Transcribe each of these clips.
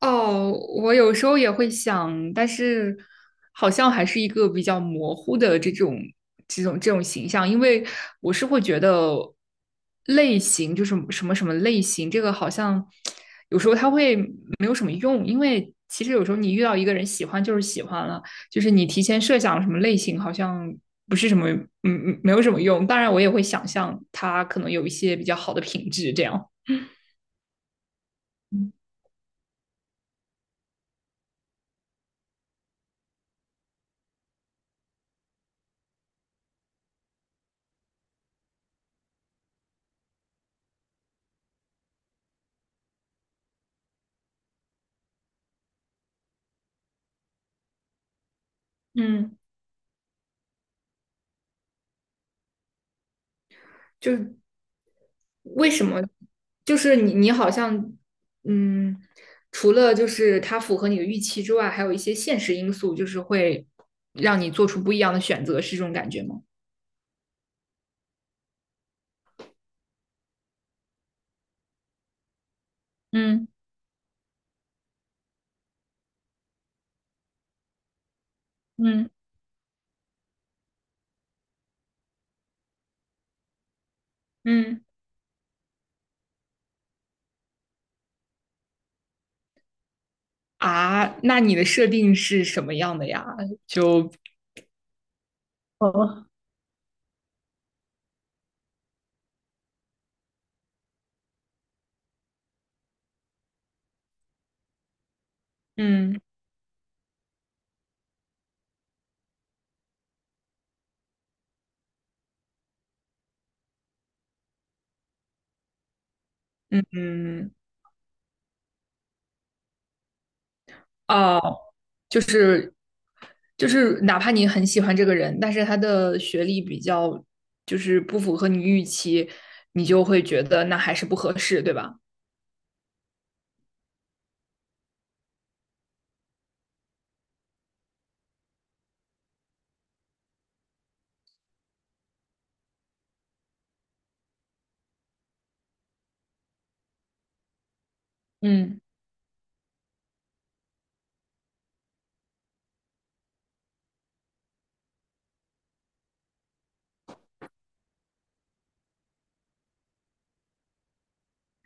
哦，我有时候也会想，但是好像还是一个比较模糊的这种形象，因为我是会觉得类型就是什么什么类型，这个好像有时候它会没有什么用，因为其实有时候你遇到一个人喜欢就是喜欢了，就是你提前设想什么类型好像不是什么没有什么用，当然我也会想象他可能有一些比较好的品质这样。嗯。就是为什么？就是你好像嗯，除了就是它符合你的预期之外，还有一些现实因素，就是会让你做出不一样的选择，是这种感觉吗？嗯。嗯。嗯。啊，那你的设定是什么样的呀？就。嗯。嗯。嗯。哦，就是就是哪怕你很喜欢这个人，但是他的学历比较就是不符合你预期，你就会觉得那还是不合适，对吧？嗯。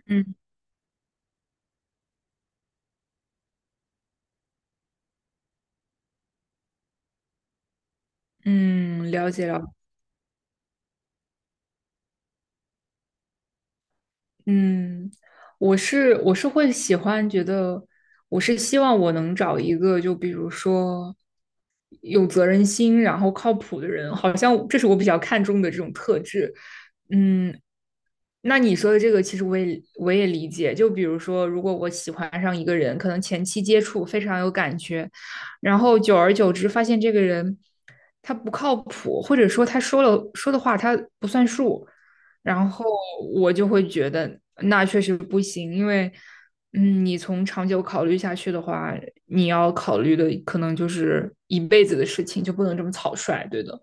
嗯。嗯，了解了。嗯，我是会喜欢，觉得我是希望我能找一个，就比如说有责任心，然后靠谱的人，好像这是我比较看重的这种特质。嗯，那你说的这个，其实我也理解。就比如说，如果我喜欢上一个人，可能前期接触非常有感觉，然后久而久之发现这个人他不靠谱，或者说他说的话他不算数，然后我就会觉得那确实不行，因为你从长久考虑下去的话，你要考虑的可能就是一辈子的事情，就不能这么草率，对的。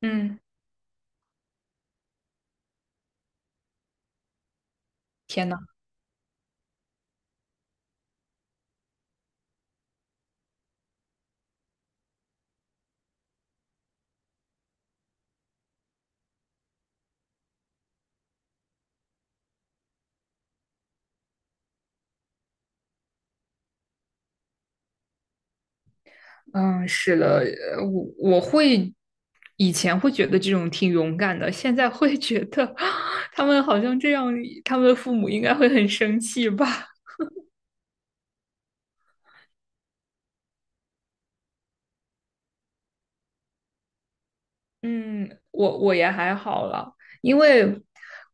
嗯，天呐。嗯，是的，我我会以前会觉得这种挺勇敢的，现在会觉得 他们好像这样，他们的父母应该会很生气吧。嗯，我我也还好了，因为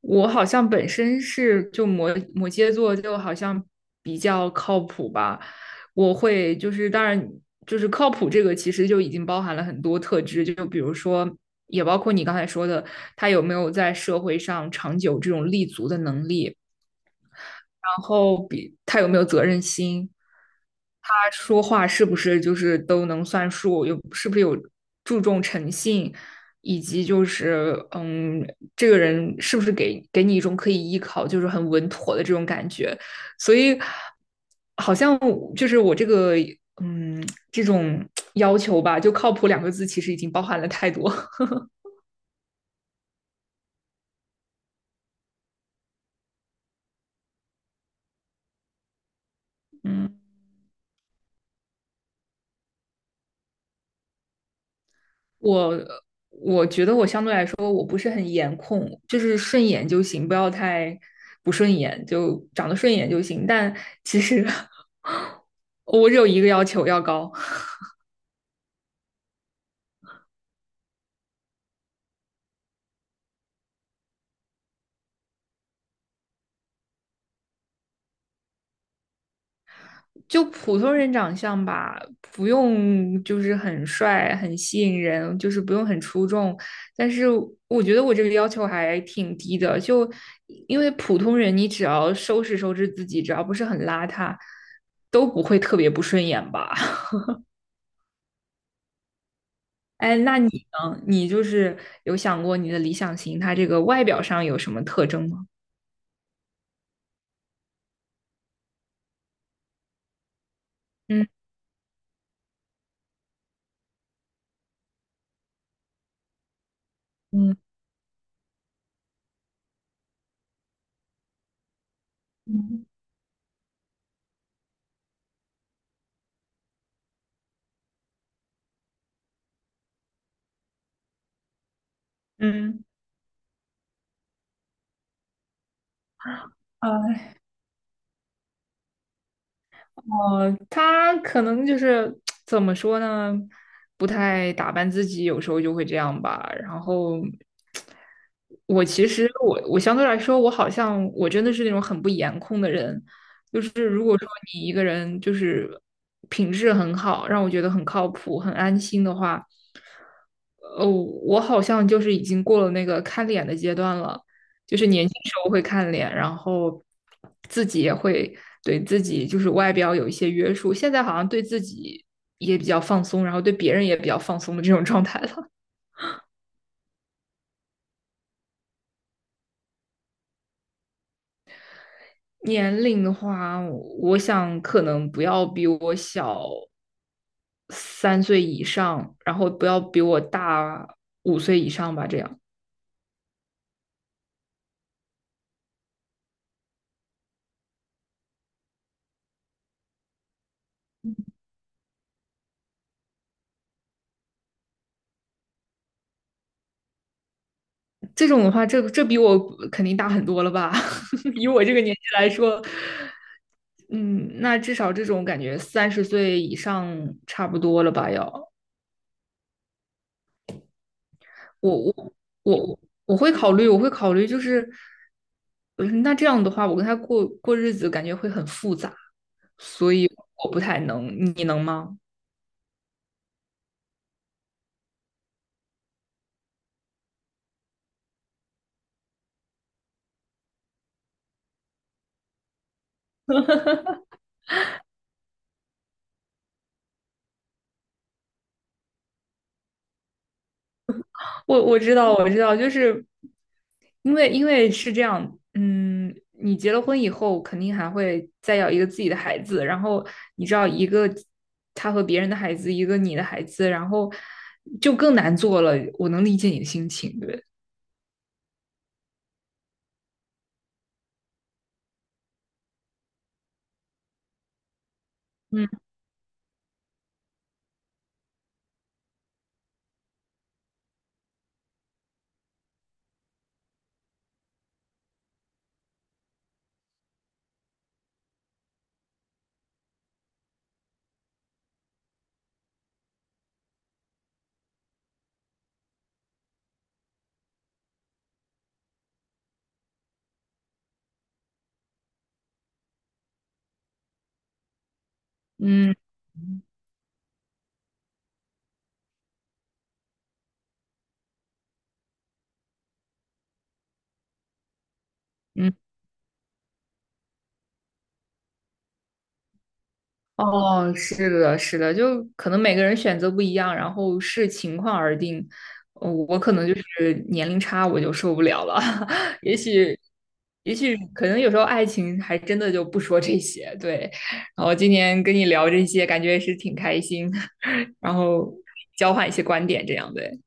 我好像本身是就摩羯座，就好像比较靠谱吧。我会就是当然就是靠谱这个，其实就已经包含了很多特质，就比如说也包括你刚才说的，他有没有在社会上长久这种立足的能力。然后比他有没有责任心，他说话是不是就是都能算数，有是不是有注重诚信，以及就是,这个人是不是给你一种可以依靠，就是很稳妥的这种感觉，所以好像就是我这个嗯这种 要求吧，就靠谱2个字其实已经包含了太多，嗯。我我觉得我相对来说我不是很颜控，就是顺眼就行，不要太不顺眼，就长得顺眼就行。但其实我只有一个要求，要高，就普通人长相吧，不用就是很帅、很吸引人，就是不用很出众。但是我觉得我这个要求还挺低的，就因为普通人，你只要收拾收拾自己，只要不是很邋遢，都不会特别不顺眼吧。哎，那你呢？你就是有想过你的理想型，他这个外表上有什么特征吗？嗯。嗯。嗯。嗯，他可能就是怎么说呢，不太打扮自己，有时候就会这样吧。然后我其实我相对来说，我好像我真的是那种很不颜控的人，就是如果说你一个人就是品质很好，让我觉得很靠谱、很安心的话，我好像就是已经过了那个看脸的阶段了。就是年轻时候会看脸，然后自己也会对自己就是外表有一些约束，现在好像对自己也比较放松，然后对别人也比较放松的这种状态了。年龄的话，我想可能不要比我小3岁以上，然后不要比我大5岁以上吧，这样。这种的话，这比我肯定大很多了吧？以我这个年纪来说，嗯，那至少这种感觉30岁以上差不多了吧？要我我我我会考虑，我会考虑，就是，嗯那这样的话，我跟他过日子，感觉会很复杂，所以我不太能。你能吗？我我知道，我知道，就是因为是这样，嗯，你结了婚以后，肯定还会再要一个自己的孩子，然后你知道一个他和别人的孩子，一个你的孩子，然后就更难做了。我能理解你的心情，对不对，嗯。嗯。嗯。哦，是的，是的，就可能每个人选择不一样，然后视情况而定。我可能就是年龄差，我就受不了了。也许，也许可能有时候爱情还真的就不说这些。对，然后今天跟你聊这些，感觉也是挺开心，然后交换一些观点这样对。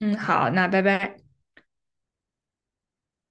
嗯，好，那拜拜。